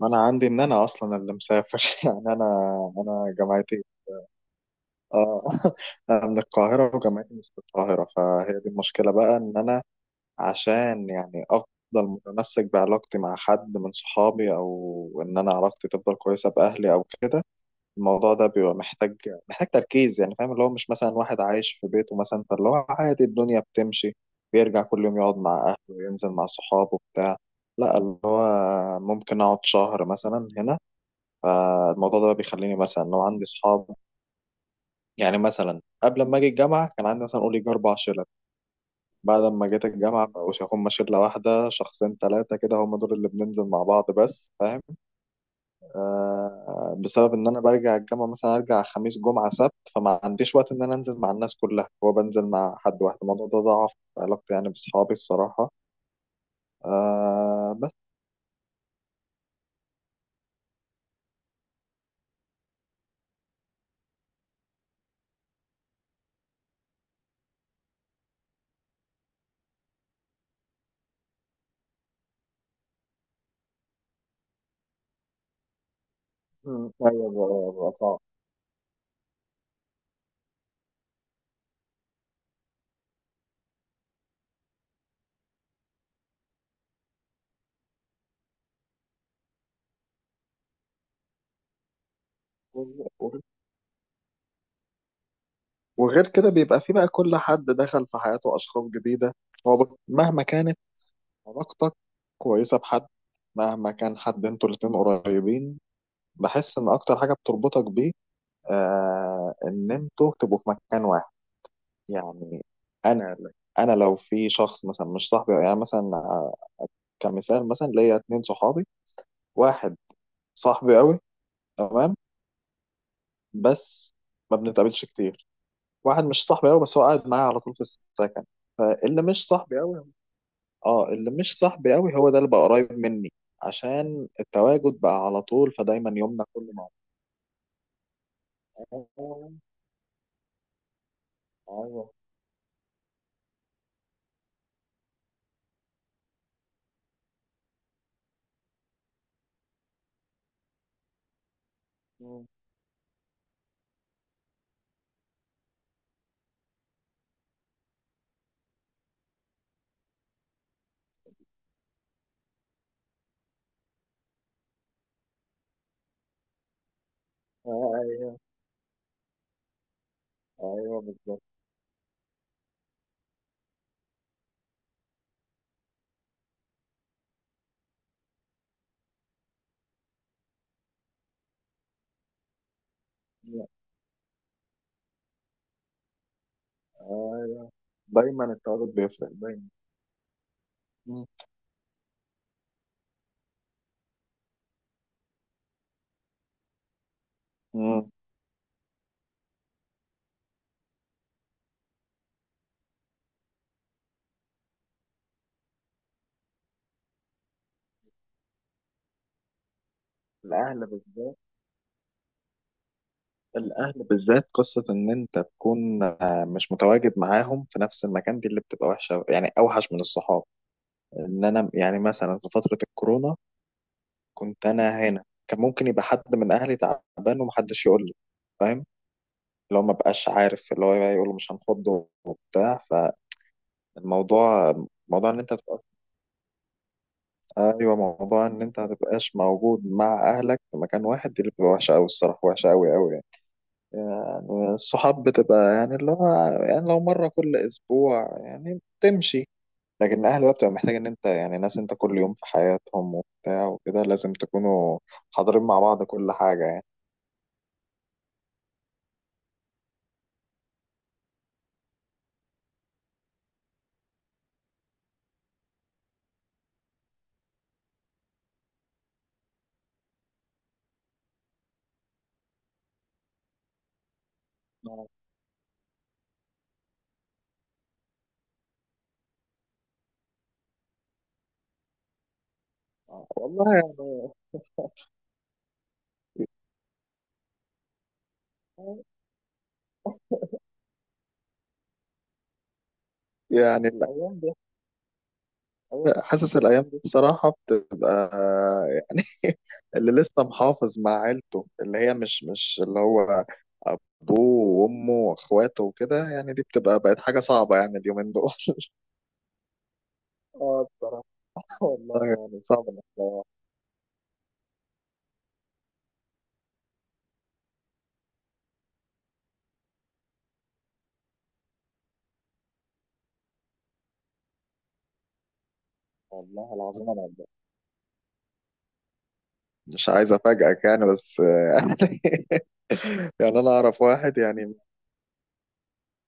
ما انا عندي ان انا اصلا اللي مسافر. يعني انا جامعتي. اه انا من القاهره، وجامعتي مش في القاهره، فهي دي المشكله بقى، ان انا عشان يعني افضل متمسك بعلاقتي مع حد من صحابي، او ان انا علاقتي تفضل كويسه باهلي او كده. الموضوع ده بيبقى محتاج تركيز، يعني فاهم اللي هو مش مثلا واحد عايش في بيته مثلا، فاللي هو عادي الدنيا بتمشي، بيرجع كل يوم يقعد مع اهله وينزل مع صحابه بتاع. لا، اللي هو ممكن اقعد شهر مثلا هنا. فالموضوع ده بقى بيخليني مثلا لو عندي اصحاب، يعني مثلا قبل ما اجي الجامعه كان عندي مثلا قول يجي اربع شلة. بعد ما جيت الجامعه مبقوش هما شله واحده، شخصين ثلاثه كده هم دول اللي بننزل مع بعض بس، فاهم؟ آه، بسبب ان انا برجع الجامعه مثلا، ارجع خميس جمعه سبت، فما عنديش وقت ان انا انزل مع الناس كلها، هو بنزل مع حد واحد. الموضوع ده ضعف علاقتي يعني باصحابي الصراحه. آه بس. ايوه، بقى صعب. وغير كده بيبقى في بقى كل حد دخل في حياته أشخاص جديدة. هو مهما كانت علاقتك كويسة بحد، مهما كان حد انتوا الاتنين قريبين، بحس إن أكتر حاجة بتربطك بيه إن انتوا تبقوا في مكان واحد يعني. أنا أنا لو في شخص مثلا مش صاحبي، يعني مثلا كمثال، مثلا ليا اتنين صحابي. واحد صاحبي قوي تمام، بس ما بنتقابلش كتير. واحد مش صاحبي قوي، بس هو قاعد معايا على طول في السكن. فاللي مش صاحبي قوي، اه اللي مش صاحبي قوي هو ده اللي بقى قريب مني عشان التواجد بقى على طول، فدايما يومنا كله مع بعض. ايوه، ايوه، ايوه، ايوه، بالظبط. ايوه دايما التواجد بيفرق دايما. مم. مم. الاهل بالذات، الاهل بالذات قصه ان انت تكون مش متواجد معاهم في نفس المكان، دي اللي بتبقى وحشه يعني، اوحش من الصحاب. ان انا يعني مثلا في فتره الكورونا كنت انا هنا، كان ممكن يبقى حد من اهلي تعبان ومحدش يقول لي، فاهم؟ اللي هو ما بقاش عارف، اللي هو يقول له مش هنخضه وبتاع. فالموضوع، موضوع ان انت تبقى، ايوه موضوع ان انت ما تبقاش موجود مع اهلك في مكان واحد، دي اللي بتبقى وحشه قوي الصراحه، وحشه قوي قوي يعني. يعني الصحاب بتبقى يعني اللي هو، يعني لو مره كل اسبوع يعني بتمشي. لكن الاهل بقى بتبقى محتاج ان انت يعني ناس انت كل يوم في حياتهم وبتاع وكده، لازم تكونوا حاضرين مع بعض كل حاجه يعني. والله يعني. يعني الأيام دي، حاسس الأيام دي بصراحة بتبقى يعني اللي لسه محافظ مع عيلته، اللي هي مش، مش اللي هو أبوه وأمه وأخواته وكده يعني، دي بتبقى بقت حاجة صعبة يعني اليومين دول. اه بصراحة. والله يعني صعب انك تروح. والله العظيم انا مش عايز افاجئك يعني بس. يعني انا اعرف واحد يعني،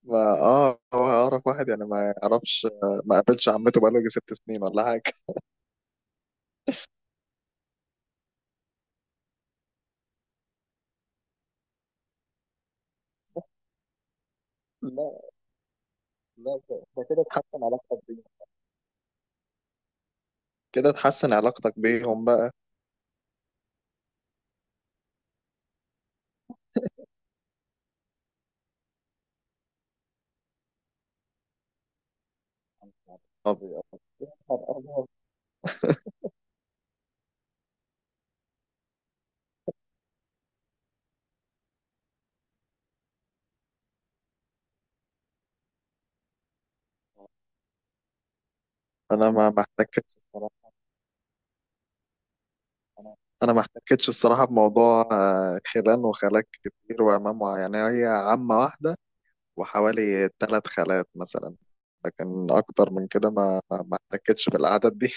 ما اه، هو اعرف واحد يعني ما يعرفش، ما قابلش عمته بقاله يجي 6 سنين ولا حاجه. لا، لا، ده كده تحسن علاقتك بيهم، كده تحسن علاقتك بيهم بقى. طب يا نهار أبيض. انا ما احتكتش الصراحه. انا انا ما احتكتش الصراحه بموضوع خلان وخالات كتير وعمام يعني هي عمه واحده، وحوالي ثلاث خالات مثلا. لكن اكتر من كده ما احتكتش بالاعداد دي.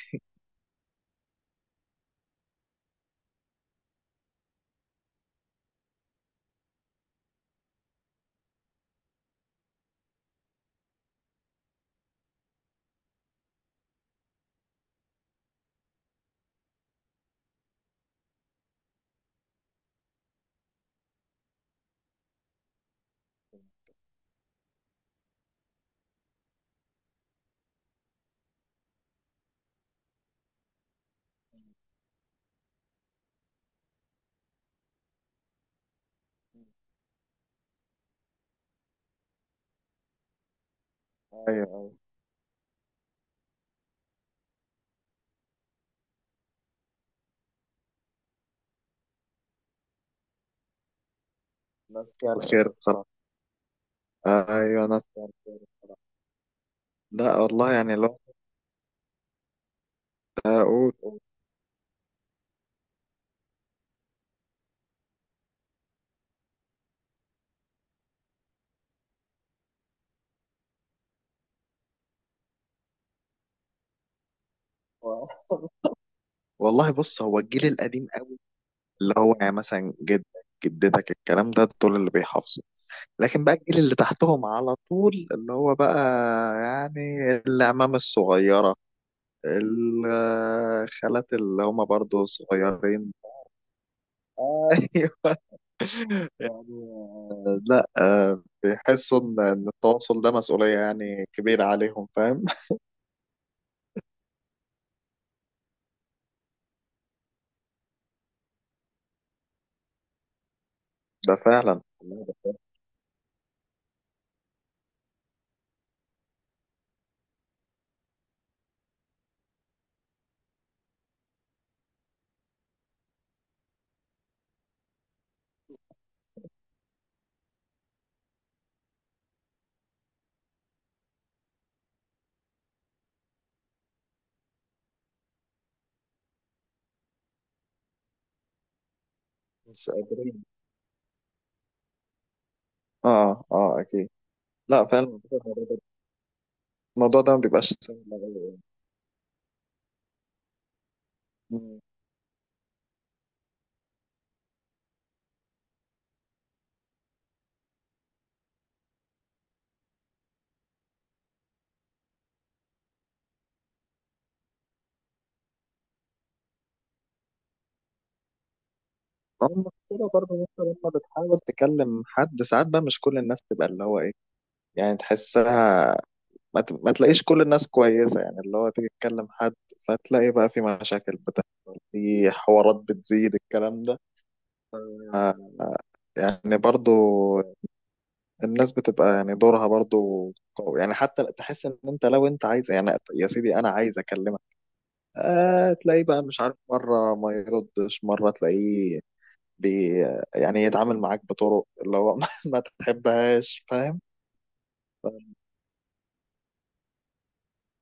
ايوه، ايوه. ناس فيها الخير الصراحه. ايوه، انا أسمع الكلام. لا والله يعني لو اقول. والله بص هو الجيل القديم قوي، اللي هو يعني مثلا جدك، جدتك، الكلام ده دول اللي بيحافظوا. لكن بقى الجيل اللي تحتهم على طول اللي هو بقى، يعني العمام الصغيرة، الخالات اللي هما برضو صغيرين. ايوه يعني. لا بيحسوا إن التواصل ده مسؤولية يعني كبيرة عليهم، فاهم؟ ده فعلا. مش قادرين. اه، اه، اكيد. لا فعلا. الموضوع ده ما بيبقاش سهل أوي. مم. هم. كده برضه ممكن لما بتحاول تكلم حد، ساعات بقى مش كل الناس تبقى اللي هو ايه، يعني تحسها. ما تلاقيش كل الناس كويسة، يعني اللي هو تيجي تكلم حد، فتلاقي بقى في مشاكل بتحصل، في حوارات بتزيد الكلام ده. آه، يعني برضو الناس بتبقى يعني دورها برضو قوي يعني، حتى تحس ان انت لو انت عايز، يعني يا سيدي انا عايز اكلمك، آه تلاقيه بقى مش عارف، مرة ما يردش، مرة تلاقيه بي يعني يتعامل معاك بطرق اللي هو ما تحبهاش، فاهم؟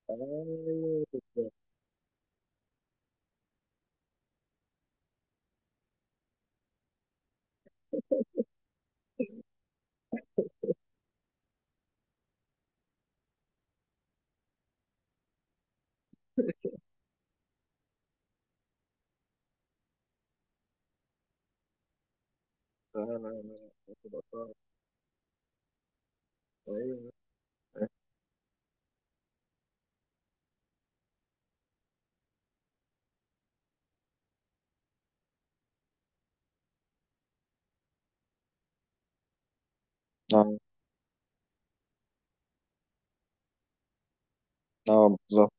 أيوه بالظبط. آه، آه، آه، آه، آه، آه، بالظبط.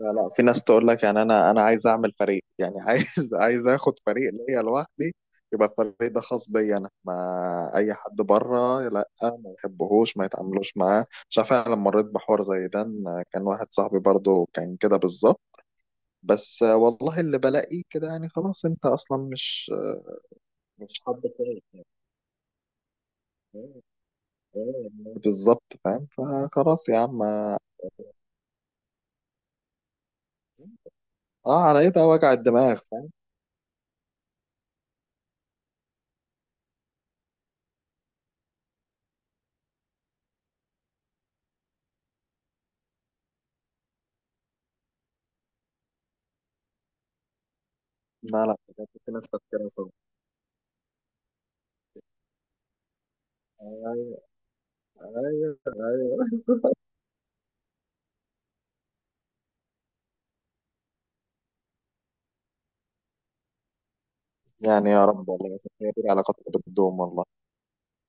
لا، لا، في ناس تقول لك يعني انا عايز اعمل فريق، يعني عايز عايز اخد فريق ليا لوحدي، يبقى الفريق ده خاص بيا انا ما، اي حد بره لا ما بحبهوش، ما يتعاملوش معاه. مش عارف، انا لما مريت بحوار زي ده، إن كان واحد صاحبي برضه كان كده بالظبط. بس والله اللي بلاقيه كده يعني خلاص انت اصلا مش حد كويس، بالظبط فاهم. فخلاص يا عم، اه، على ايه بقى وجع الدماغ، فاهم؟ لا، لا، بجد في ناس تفكيرها صعب. ايوه، ايوه، يعني يا رب والله، بس هي دي العلاقات اللي بتدوم والله